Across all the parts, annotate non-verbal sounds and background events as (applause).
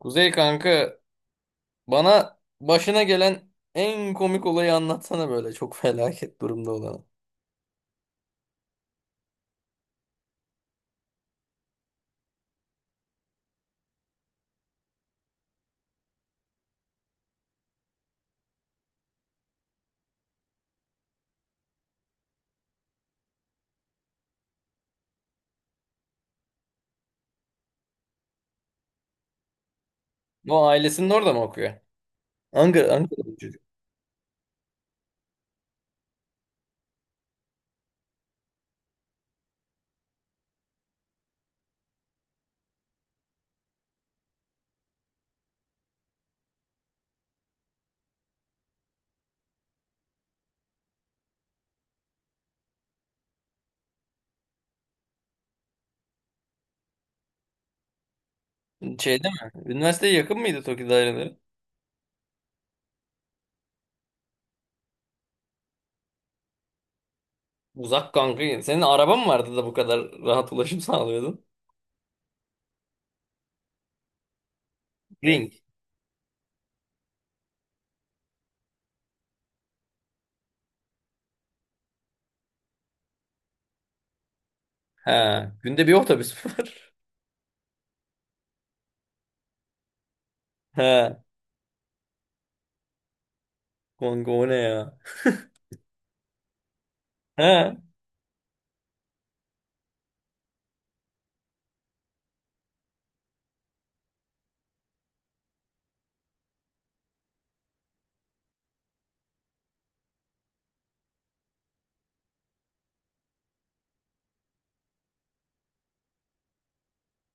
Kuzey kanka, bana başına gelen en komik olayı anlatsana, böyle çok (laughs) felaket durumda olanı. Bu ailesinin orada mı okuyor? Ankara, Ankara'da bu çocuk. Şeyde mi? Üniversiteye yakın mıydı TOKİ daireleri? Uzak kanka. Senin araban mı vardı da bu kadar rahat ulaşım (laughs) sağlıyordun? Ring. Ha. Günde bir otobüs mü var? (laughs) Ha. Kanka o ne ya? Ha.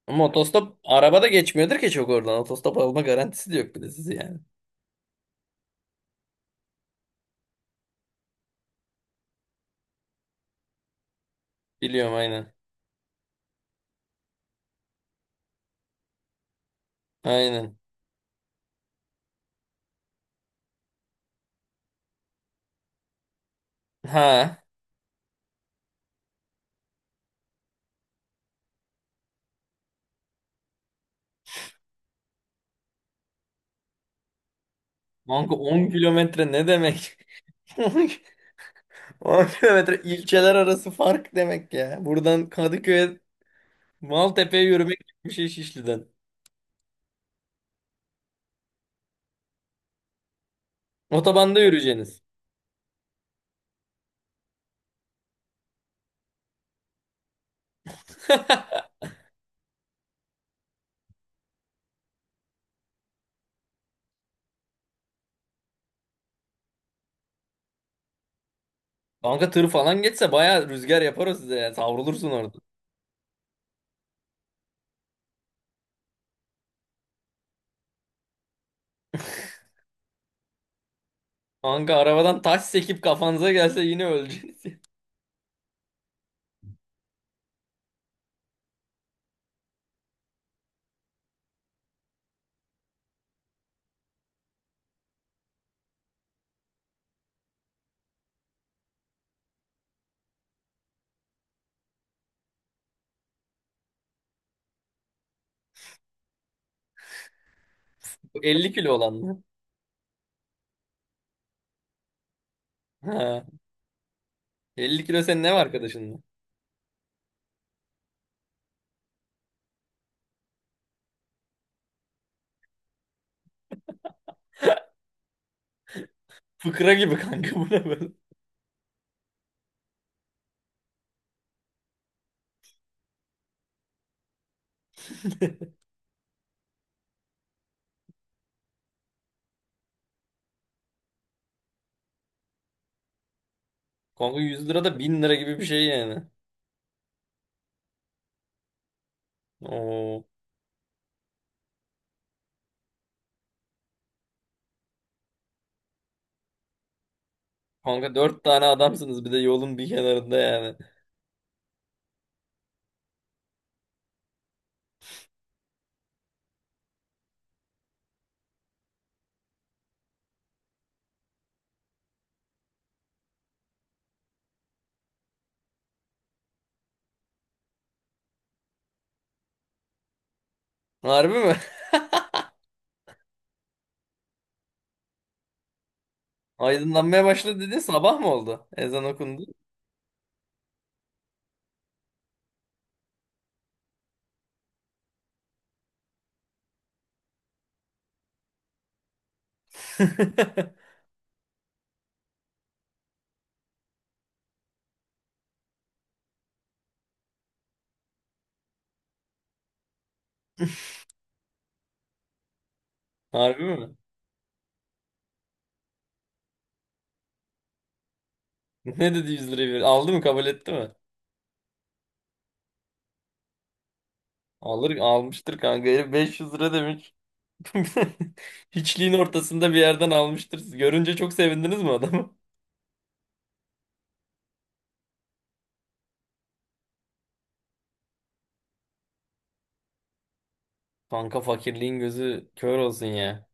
Ama otostop arabada geçmiyordur ki çok oradan. Otostop alma garantisi de yok bir de sizi yani. Biliyorum aynen. Aynen. Ha. Kanka 10 kilometre ne demek? (laughs) 10 kilometre ilçeler arası fark demek ya. Buradan Kadıköy'e Maltepe'ye yürümek gibi bir şey Şişli'den. Otobanda yürüyeceğiniz. (laughs) Kanka tır falan geçse baya rüzgar yapar o size ya. Savrulursun orada. Kanka arabadan taş sekip kafanıza gelse yine öleceksiniz. (laughs) Bu 50 kilo olan mı? Ha. 50 kilo senin ne var arkadaşınla? Fıkra gibi kanka bu ne böyle? Kanka 100 lira da 1000 lira gibi bir şey yani. Oo. Kanka dört tane adamsınız bir de yolun bir kenarında yani. Harbi mi? (laughs) Aydınlanmaya başladı dedin, sabah mı oldu? Ezan okundu. (laughs) Harbi mi? Ne dedi 100 lirayı? Aldı mı, kabul etti mi? Alır almıştır kanka. Herif 500 lira demiş. (laughs) Hiçliğin ortasında bir yerden almıştır. Siz görünce çok sevindiniz mi adamı? Kanka fakirliğin gözü kör olsun ya.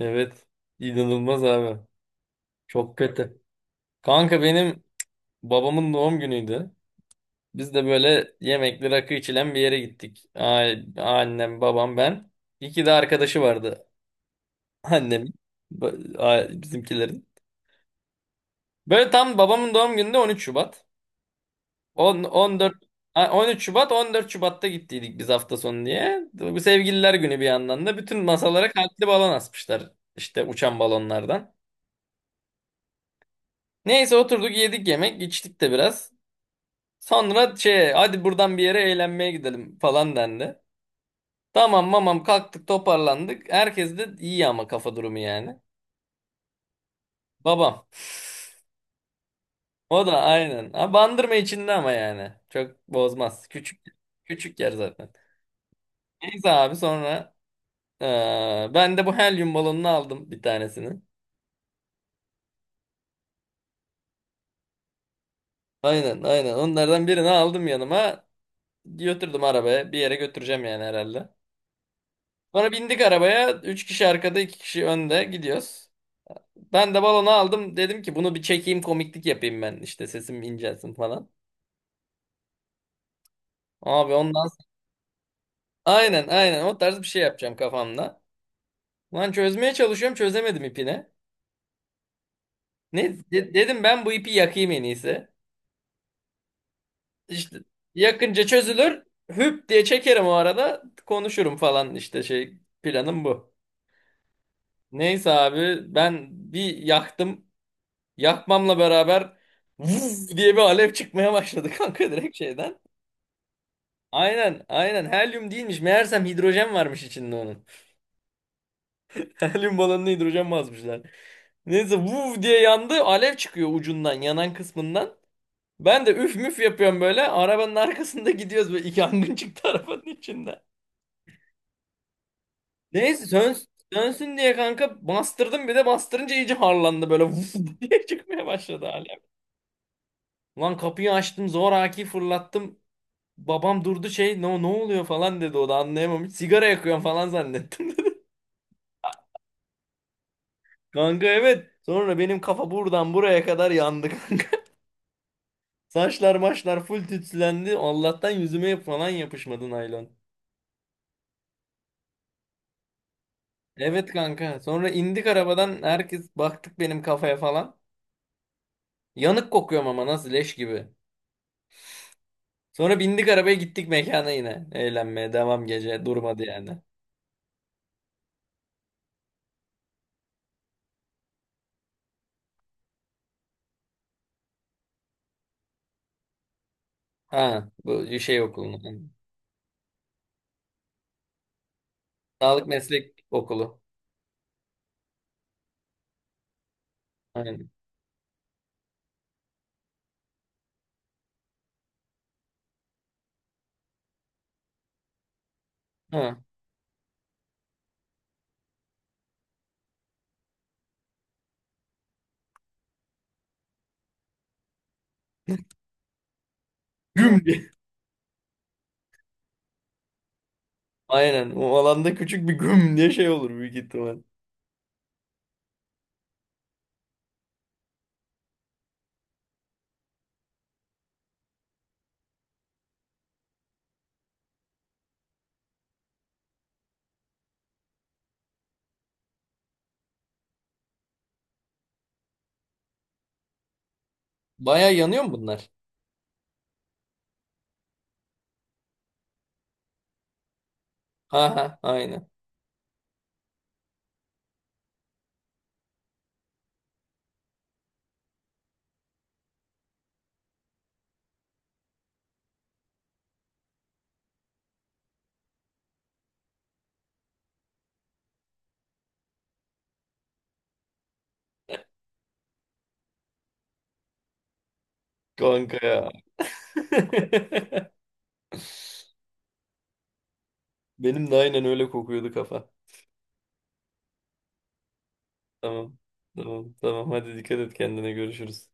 Evet. İnanılmaz abi. Çok kötü. Kanka benim babamın doğum günüydü. Biz de böyle yemekli rakı içilen bir yere gittik. Annem, babam, ben. İki de arkadaşı vardı. (laughs) Annemin, bizimkilerin. Böyle tam babamın doğum günü de 13 Şubat. 10, 14, 13 Şubat, 14 Şubat'ta gittiydik biz hafta sonu diye. Bu sevgililer günü bir yandan da. Bütün masalara kalpli balon asmışlar. İşte uçan balonlardan. Neyse oturduk, yedik yemek, içtik de biraz. Sonra şey, hadi buradan bir yere eğlenmeye gidelim falan dendi. Tamam mamam kalktık, toparlandık. Herkes de iyi ama kafa durumu yani. Babam. O da aynen. Ha, bandırma içinde ama yani. Çok bozmaz. Küçük küçük yer zaten. Neyse abi sonra ben de bu helyum balonunu aldım, bir tanesini. Aynen aynen. Onlardan birini aldım yanıma. Götürdüm arabaya. Bir yere götüreceğim yani herhalde. Sonra bindik arabaya. Üç kişi arkada, iki kişi önde gidiyoruz. Ben de balonu aldım. Dedim ki bunu bir çekeyim, komiklik yapayım ben. İşte sesim incelsin falan. Abi ondan aynen aynen o tarz bir şey yapacağım kafamda. Lan çözmeye çalışıyorum, çözemedim ipini. Ne dedim ben bu ipi yakayım en iyisi. İşte yakınca çözülür. Hüp diye çekerim o arada konuşurum falan, işte şey, planım bu. Neyse abi ben bir yaktım. Yakmamla beraber vuz diye bir alev çıkmaya başladı (laughs) kanka, direkt şeyden. Aynen aynen, helyum değilmiş meğersem, hidrojen varmış içinde onun. (laughs) Helyum balonuna hidrojen basmışlar. Neyse vuv diye yandı. Alev çıkıyor ucundan, yanan kısmından. Ben de üf müf yapıyorum böyle. Arabanın arkasında (laughs) gidiyoruz böyle. İki yangın çıktı (laughs) arabanın içinde. Neyse sönsün diye kanka bastırdım, bir de bastırınca iyice harlandı böyle (laughs) vuf diye çıkmaya başladı alev. Lan kapıyı açtım, zoraki fırlattım. Babam durdu, şey ne, ne oluyor falan dedi, o da anlayamamış. Sigara yakıyorum falan zannettim (laughs) dedi. Kanka evet. Sonra benim kafa buradan buraya kadar yandı. (laughs) Saçlar maçlar full tütsülendi. Allah'tan yüzüme falan yapışmadı naylon. Evet kanka. Sonra indik arabadan. Herkes baktık benim kafaya falan. Yanık kokuyorum ama nasıl leş gibi. Sonra bindik arabaya, gittik mekana yine. Eğlenmeye devam gece. Durmadı yani. Ha bu şey okulu. Sağlık meslek okulu. Aynen. Ha. Güm diye. (laughs) Aynen. O alanda küçük bir güm diye şey olur büyük ihtimal. Baya yanıyor mu bunlar? Ha ha aynen. Kanka ya. (laughs) Benim de aynen öyle kokuyordu kafa. Tamam. Tamam. Tamam. Hadi dikkat et kendine. Görüşürüz.